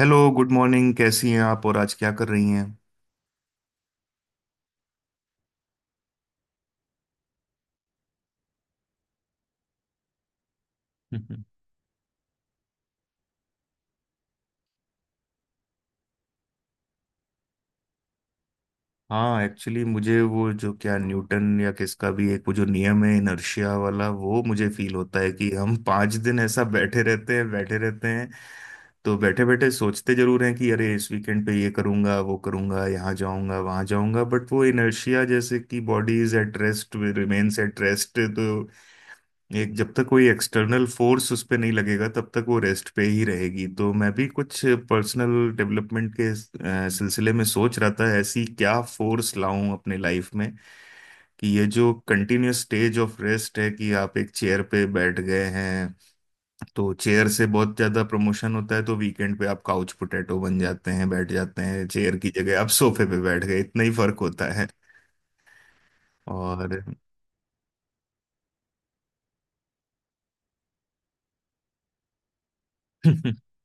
Hello, good morning. कैसी हैं आप और आज क्या कर रही हैं? हाँ, एक्चुअली मुझे वो जो क्या न्यूटन या किसका भी एक वो जो नियम है, इनर्शिया वाला, वो मुझे फील होता है कि हम पाँच दिन ऐसा बैठे रहते हैं बैठे रहते हैं। तो बैठे बैठे सोचते जरूर हैं कि अरे इस वीकेंड पे ये करूंगा, वो करूंगा, यहाँ जाऊंगा, वहाँ जाऊंगा, बट वो इनर्शिया जैसे कि body is at rest remains at rest. तो एक जब तक कोई एक्सटर्नल फोर्स उस पे नहीं लगेगा तब तक वो रेस्ट पे ही रहेगी। तो मैं भी कुछ पर्सनल डेवलपमेंट के सिलसिले में सोच रहा था, ऐसी क्या फोर्स लाऊं अपने लाइफ में कि ये जो कंटिन्यूस स्टेज ऑफ रेस्ट है, कि आप एक चेयर पे बैठ गए हैं। तो चेयर से बहुत ज्यादा प्रमोशन होता है, तो वीकेंड पे आप काउच पोटैटो बन जाते हैं, बैठ जाते हैं, चेयर की जगह आप सोफे पे बैठ गए, इतना ही फर्क होता है। और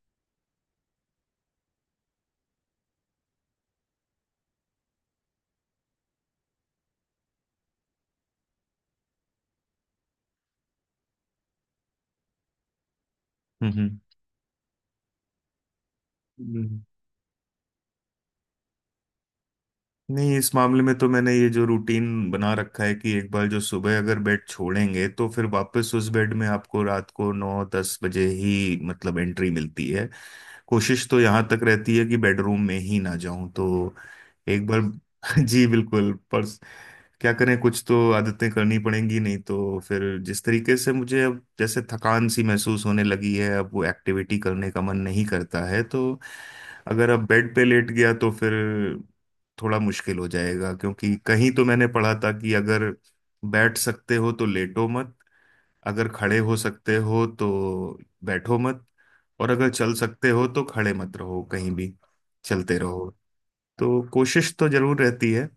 हम्म, हम्म। नहीं, इस मामले में तो मैंने ये जो रूटीन बना रखा है कि एक बार जो सुबह अगर बेड छोड़ेंगे तो फिर वापस उस बेड में आपको रात को नौ दस बजे ही मतलब एंट्री मिलती है। कोशिश तो यहाँ तक रहती है कि बेडरूम में ही ना जाऊं तो एक बार। जी बिल्कुल। पर क्या करें, कुछ तो आदतें करनी पड़ेंगी, नहीं तो फिर जिस तरीके से मुझे अब जैसे थकान सी महसूस होने लगी है, अब वो एक्टिविटी करने का मन नहीं करता है। तो अगर अब बेड पे लेट गया तो फिर थोड़ा मुश्किल हो जाएगा, क्योंकि कहीं तो मैंने पढ़ा था कि अगर बैठ सकते हो तो लेटो मत, अगर खड़े हो सकते हो तो बैठो मत, और अगर चल सकते हो तो खड़े मत रहो, कहीं भी चलते रहो। तो कोशिश तो जरूर रहती है।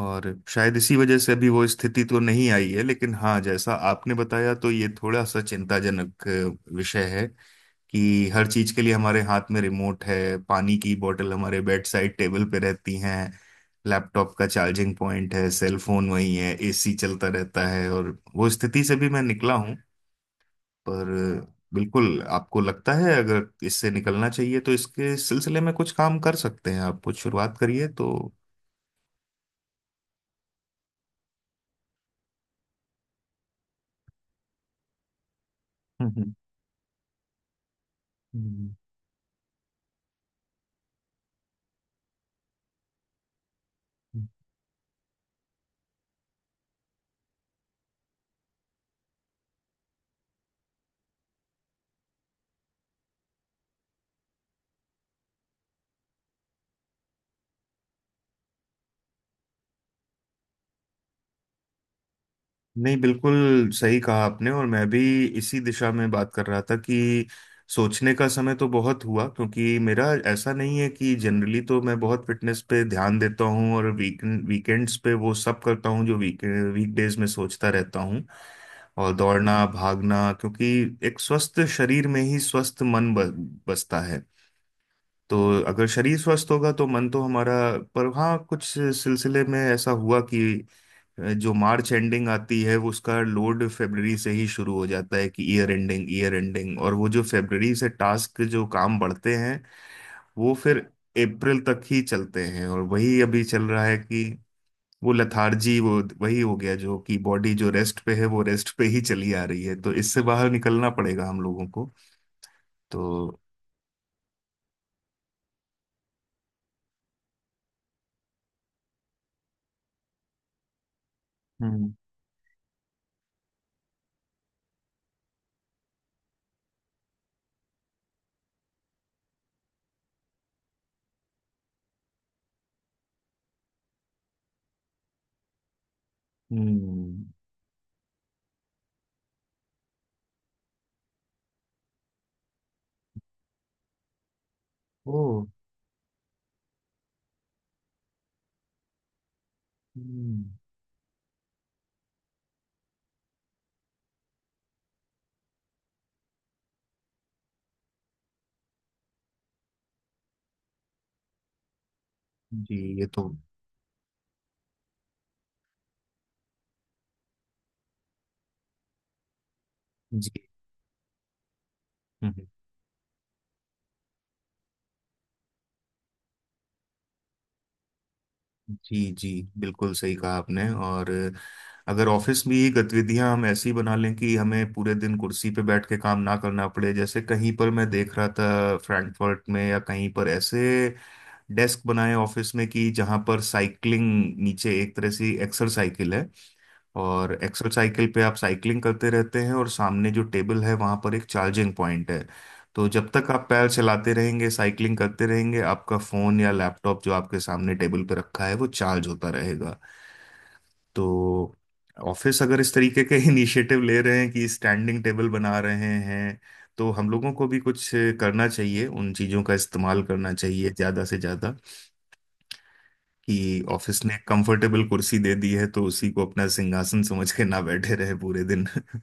और शायद इसी वजह से अभी वो स्थिति तो नहीं आई है, लेकिन हाँ, जैसा आपने बताया तो ये थोड़ा सा चिंताजनक विषय है कि हर चीज के लिए हमारे हाथ में रिमोट है, पानी की बोतल हमारे बेड साइड टेबल पे रहती हैं, लैपटॉप का चार्जिंग पॉइंट है, सेल फोन वहीं है, एसी चलता रहता है, और वो स्थिति से भी मैं निकला हूँ। पर बिल्कुल, आपको लगता है अगर इससे निकलना चाहिए तो इसके सिलसिले में कुछ काम कर सकते हैं, आप कुछ शुरुआत करिए तो। हम्म, हम्म, हम्म। नहीं बिल्कुल सही कहा आपने, और मैं भी इसी दिशा में बात कर रहा था कि सोचने का समय तो बहुत हुआ, क्योंकि मेरा ऐसा नहीं है कि जनरली तो मैं बहुत फिटनेस पे ध्यान देता हूँ, और वीकेंड्स पे वो सब करता हूँ जो वीकडेज में सोचता रहता हूँ, और दौड़ना भागना, क्योंकि एक स्वस्थ शरीर में ही स्वस्थ मन बसता है। तो अगर शरीर स्वस्थ होगा तो मन तो हमारा। पर हाँ, कुछ सिलसिले में ऐसा हुआ कि जो मार्च एंडिंग आती है वो उसका लोड फरवरी से ही शुरू हो जाता है कि ईयर एंडिंग ईयर एंडिंग, और वो जो फरवरी से टास्क जो काम बढ़ते हैं वो फिर अप्रैल तक ही चलते हैं, और वही अभी चल रहा है कि वो लथार्जी, वो वही हो गया जो कि बॉडी जो रेस्ट पे है वो रेस्ट पे ही चली आ रही है। तो इससे बाहर निकलना पड़ेगा हम लोगों को तो। हम्म हम्म। ओ। हम्म, जी। ये तो जी जी। जी बिल्कुल सही कहा आपने, और अगर ऑफिस में ये गतिविधियां हम ऐसी बना लें कि हमें पूरे दिन कुर्सी पे बैठ के काम ना करना पड़े, जैसे कहीं पर मैं देख रहा था फ्रैंकफर्ट में या कहीं पर ऐसे डेस्क बनाए ऑफिस में कि जहां पर साइकिलिंग, नीचे एक तरह से एक्सरसाइकिल है, और एक्सोसाइकिल पे आप साइकिलिंग करते रहते हैं, और सामने जो टेबल है वहां पर एक चार्जिंग पॉइंट है। तो जब तक आप पैर चलाते रहेंगे साइकिलिंग करते रहेंगे, आपका फोन या लैपटॉप जो आपके सामने टेबल पे रखा है वो चार्ज होता रहेगा। तो ऑफिस अगर इस तरीके के इनिशिएटिव ले रहे हैं कि स्टैंडिंग टेबल बना रहे हैं, तो हम लोगों को भी कुछ करना चाहिए, उन चीज़ों का इस्तेमाल करना चाहिए ज़्यादा से ज़्यादा, कि ऑफिस ने कंफर्टेबल कुर्सी दे दी है तो उसी को अपना सिंहासन समझ के ना बैठे रहे पूरे दिन।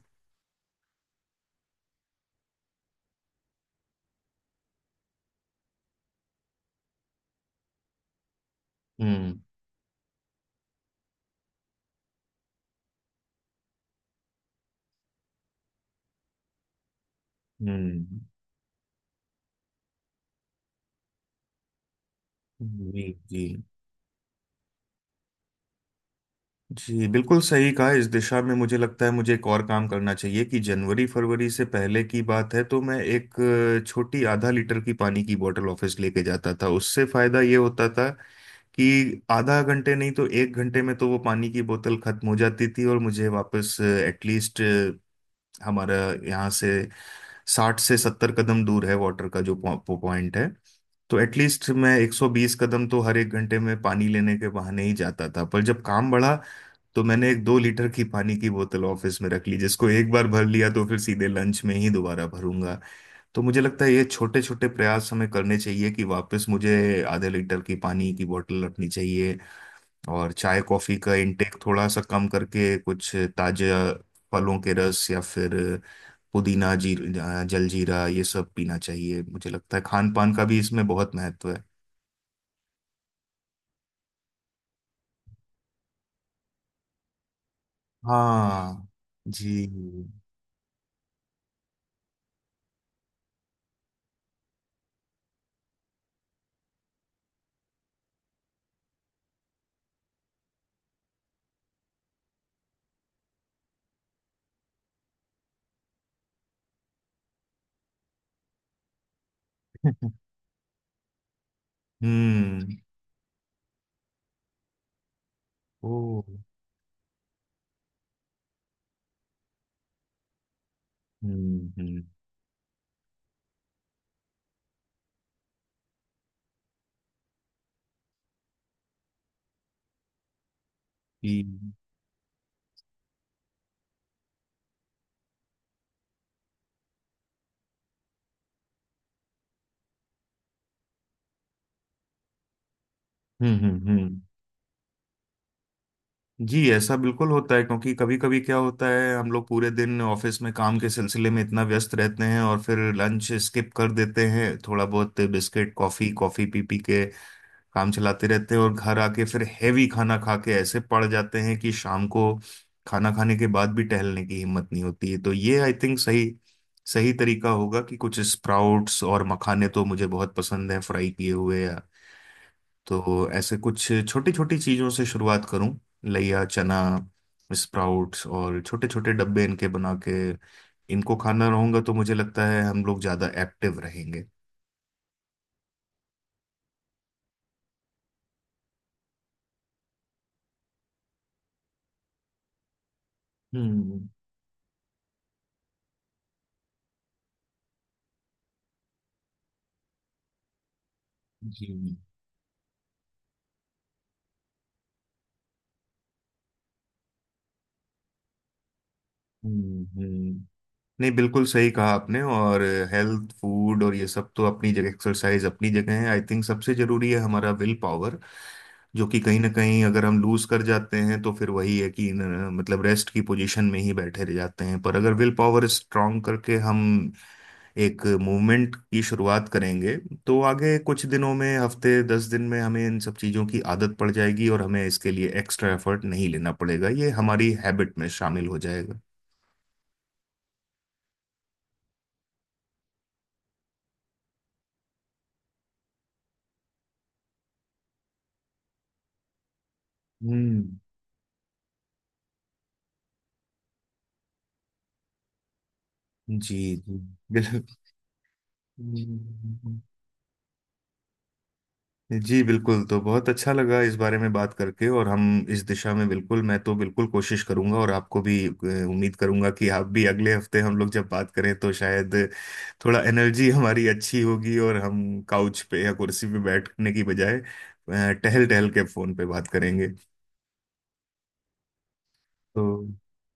हम्म हम्म। जी जी। जी बिल्कुल सही कहा। इस दिशा में मुझे लगता है मुझे एक और काम करना चाहिए कि जनवरी फरवरी से पहले की बात है तो मैं एक छोटी आधा लीटर की पानी की बोतल ऑफिस लेके जाता था, उससे फायदा ये होता था कि आधा घंटे नहीं तो एक घंटे में तो वो पानी की बोतल खत्म हो जाती थी, और मुझे वापस एटलीस्ट हमारा यहाँ से साठ से सत्तर कदम दूर है वाटर का जो पॉइंट है, तो एटलीस्ट मैं 120 कदम तो हर एक घंटे में पानी लेने के बहाने ही जाता था। पर जब काम बढ़ा तो मैंने एक दो लीटर की पानी की बोतल ऑफिस में रख ली, जिसको एक बार भर लिया तो फिर सीधे लंच में ही दोबारा भरूंगा। तो मुझे लगता है ये छोटे छोटे प्रयास हमें करने चाहिए कि वापस मुझे आधे लीटर की पानी की बोतल रखनी चाहिए, और चाय कॉफी का इनटेक थोड़ा सा कम करके कुछ ताजा फलों के रस, या फिर पुदीना जी जलजीरा, ये सब पीना चाहिए। मुझे लगता है खान पान का भी इसमें बहुत महत्व है। हाँ जी। हम्म। ओ। हम्म। ई- हम्म हम्म हम्म। जी ऐसा बिल्कुल होता है क्योंकि कभी कभी क्या होता है हम लोग पूरे दिन ऑफिस में काम के सिलसिले में इतना व्यस्त रहते हैं और फिर लंच स्किप कर देते हैं, थोड़ा बहुत बिस्किट कॉफी कॉफी पी पी के काम चलाते रहते हैं, और घर आके फिर हैवी खाना खा के ऐसे पड़ जाते हैं कि शाम को खाना खाने के बाद भी टहलने की हिम्मत नहीं होती है। तो ये आई थिंक सही सही तरीका होगा कि कुछ स्प्राउट्स, और मखाने तो मुझे बहुत पसंद हैं फ्राई किए हुए, या तो ऐसे कुछ छोटी छोटी चीजों से शुरुआत करूं, लइया चना, स्प्राउट्स, और छोटे छोटे डब्बे इनके बना के इनको खाना रहूंगा तो मुझे लगता है हम लोग ज्यादा एक्टिव रहेंगे। हम्म। जी। हम्म। नहीं बिल्कुल सही कहा आपने, और हेल्थ फूड और ये सब तो अपनी जगह, एक्सरसाइज अपनी जगह है। आई थिंक सबसे जरूरी है हमारा विल पावर, जो कि कहीं ना कहीं अगर हम लूज कर जाते हैं तो फिर वही है कि मतलब रेस्ट की पोजीशन में ही बैठे रह जाते हैं, पर अगर विल पावर स्ट्रांग करके हम एक मूवमेंट की शुरुआत करेंगे तो आगे कुछ दिनों में, हफ्ते दस दिन में, हमें इन सब चीज़ों की आदत पड़ जाएगी और हमें इसके लिए एक्स्ट्रा एफर्ट नहीं लेना पड़ेगा, ये हमारी हैबिट में शामिल हो जाएगा। हम्म। जी जी। बिल्कुल। जी बिल्कुल। तो बहुत अच्छा लगा इस बारे में बात करके, और हम इस दिशा में बिल्कुल, मैं तो बिल्कुल कोशिश करूंगा, और आपको भी उम्मीद करूंगा कि आप भी अगले हफ्ते हम लोग जब बात करें तो शायद थोड़ा एनर्जी हमारी अच्छी होगी, और हम काउच पे या कुर्सी पे बैठने की बजाय टहल टहल के फोन पे बात करेंगे। तो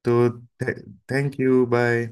तो थैंक यू, बाय।